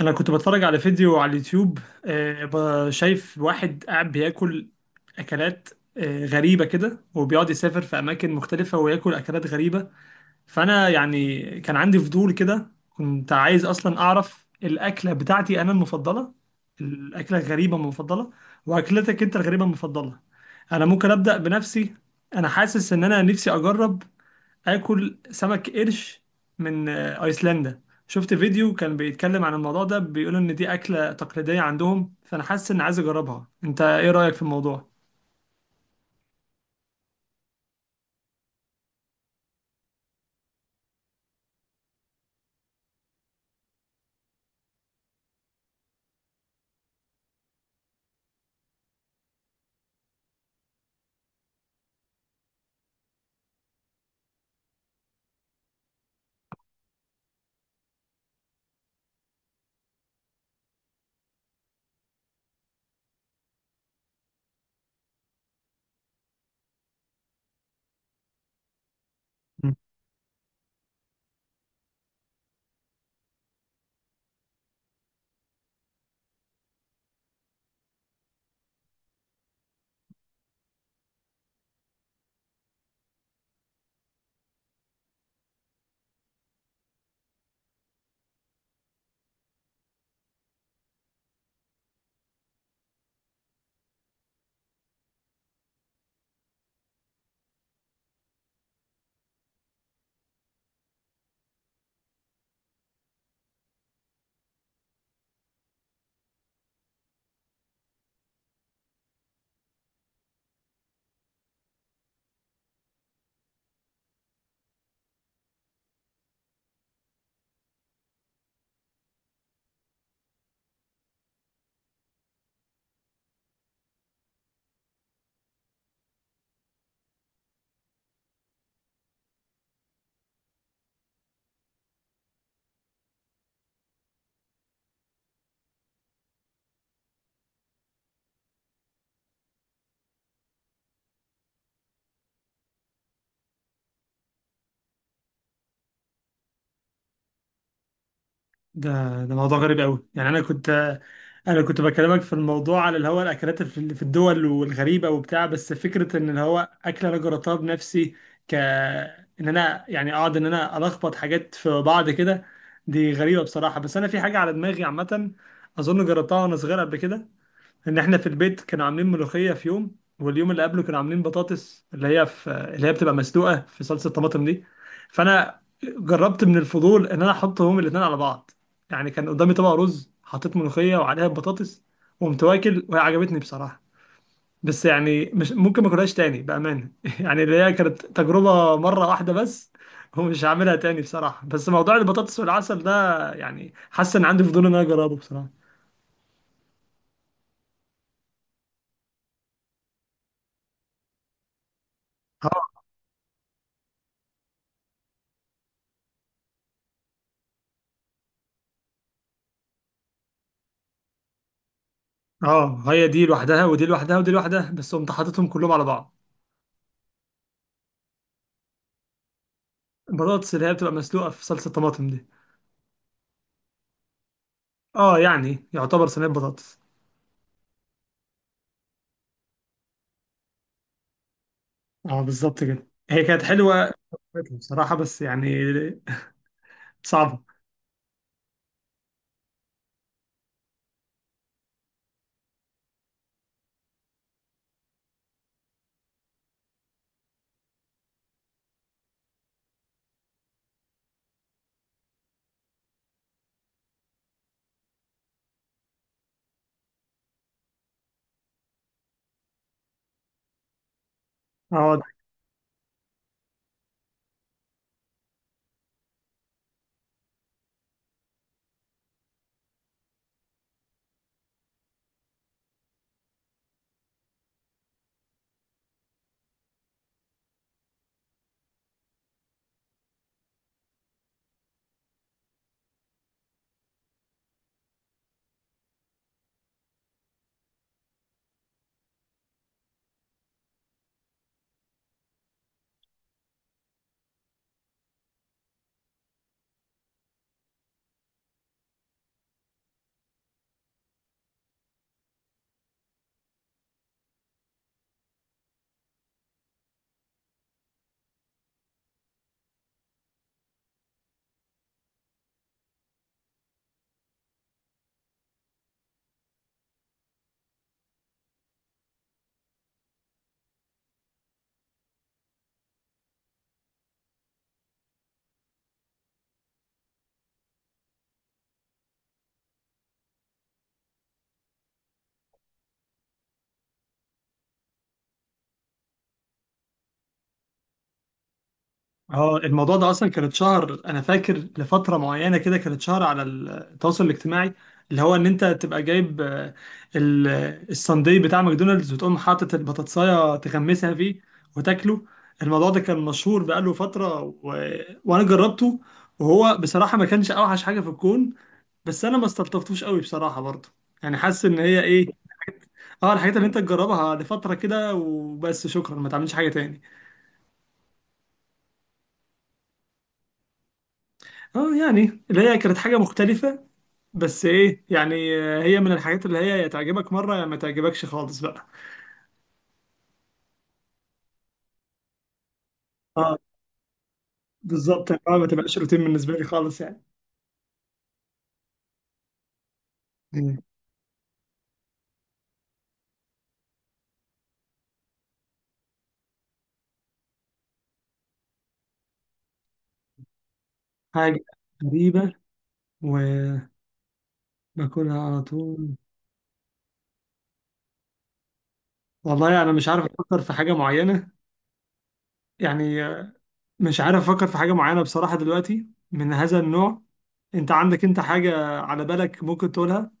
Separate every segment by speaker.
Speaker 1: انا كنت بتفرج على فيديو على اليوتيوب. شايف واحد قاعد بياكل اكلات غريبه كده، وبيقعد يسافر في اماكن مختلفه وياكل اكلات غريبه. فانا يعني كان عندي فضول كده، كنت عايز اصلا اعرف الاكله بتاعتي انا المفضله، الاكله الغريبه المفضله، واكلتك انت الغريبه المفضله. انا ممكن ابدا بنفسي. انا حاسس ان انا نفسي اجرب اكل سمك قرش من ايسلندا. شفت فيديو كان بيتكلم عن الموضوع ده، بيقول ان دي اكله تقليديه عندهم، فانا حاسس ان عايز اجربها. انت ايه رايك في الموضوع؟ مم. ده موضوع غريب قوي. يعني انا كنت، انا كنت بكلمك في الموضوع على اللي هو الاكلات اللي في اللي في الدول والغريبه وبتاع، بس فكره ان اللي هو اكله انا جربتها بنفسي، ك ان انا يعني اقعد ان انا الخبط حاجات في بعض كده، دي غريبه بصراحه. بس انا في حاجه على دماغي عامه، اظن جربتها وانا صغير قبل كده. ان احنا في البيت كانوا عاملين ملوخيه في يوم، واليوم اللي قبله كانوا عاملين بطاطس اللي هي في اللي هي بتبقى مسلوقه في صلصه طماطم دي. فانا جربت من الفضول ان انا احطهم الاثنين على بعض. يعني كان قدامي طبق رز، حطيت ملوخيه وعليها البطاطس، وقمت واكل، وهي عجبتني بصراحه. بس يعني مش ممكن ما اكلهاش تاني بامانه. يعني اللي هي كانت تجربه مره واحده بس، ومش هعملها تاني بصراحه. بس موضوع البطاطس والعسل ده، يعني حاسس ان عندي فضول ان انا اجربه بصراحه. اه، هي دي لوحدها ودي لوحدها ودي لوحدها، بس قمت حاططهم كلهم على بعض. البطاطس اللي هي بتبقى مسلوقه في صلصه طماطم دي. اه يعني يعتبر صينيه بطاطس. اه بالظبط كده، هي كانت حلوه بصراحه. بس يعني صعبه. اه. اه، الموضوع ده اصلا كان اتشهر، انا فاكر لفتره معينه كده كان اتشهر على التواصل الاجتماعي، اللي هو ان انت تبقى جايب ال- الساندي بتاع ماكدونالدز، وتقوم حاطط البطاطسايه تغمسها فيه وتاكله. الموضوع ده كان مشهور بقاله فتره وانا جربته، وهو بصراحه ما كانش اوحش حاجه في الكون، بس انا ما استلطفتوش قوي بصراحه برضه. يعني حاسس ان هي ايه. اه، الحاجات اللي انت تجربها لفتره كده وبس، شكرا ما تعملش حاجه تاني. اه يعني اللي هي كانت حاجه مختلفه، بس ايه يعني، هي من الحاجات اللي هي يا تعجبك مره يا ما تعجبكش خالص بقى. اه بالظبط، يعني ما تبقاش روتين بالنسبه لي خالص يعني. مم. حاجه غريبه وباكلها على طول. والله انا يعني مش عارف افكر في حاجه معينه، يعني مش عارف افكر في حاجه معينه بصراحه دلوقتي من هذا النوع. انت عندك انت حاجه على بالك ممكن تقولها؟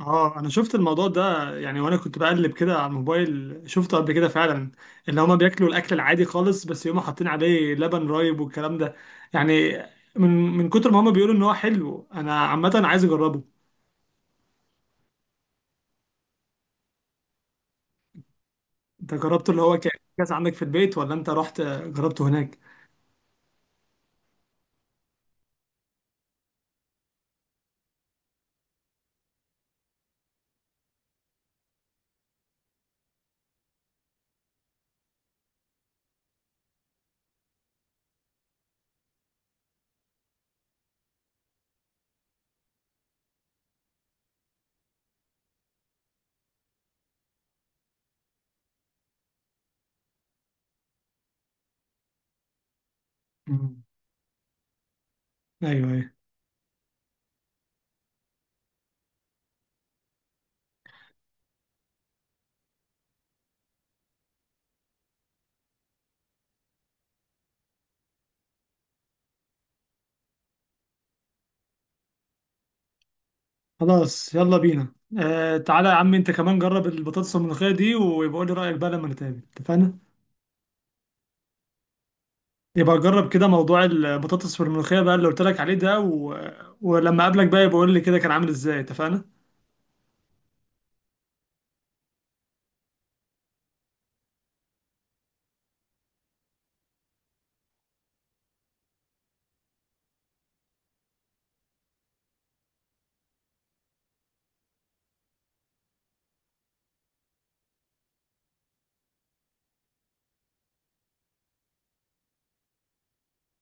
Speaker 1: اه انا شفت الموضوع ده، يعني وانا كنت بقلب كده على الموبايل شفته قبل كده فعلا. اللي هما بياكلوا الاكل العادي خالص بس يقوموا حاطين عليه لبن رايب والكلام ده. يعني من كتر ما هما بيقولوا ان هو حلو، انا عامه عايز اجربه. انت جربته اللي هو كان كاس عندك في البيت، ولا انت رحت جربته هناك؟ مم. ايوه، ايوه. خلاص يلا بينا. آه تعالى يا عم انت كمان جرب البطاطس الملوخيه دي، ويبقى قول لي رايك بقى لما نتقابل، اتفقنا؟ يبقى جرب كده موضوع البطاطس والملوخية بقى اللي قلت لك عليه ده، ولما اقابلك بقى يبقى قول لي كده كان عامل ازاي، اتفقنا؟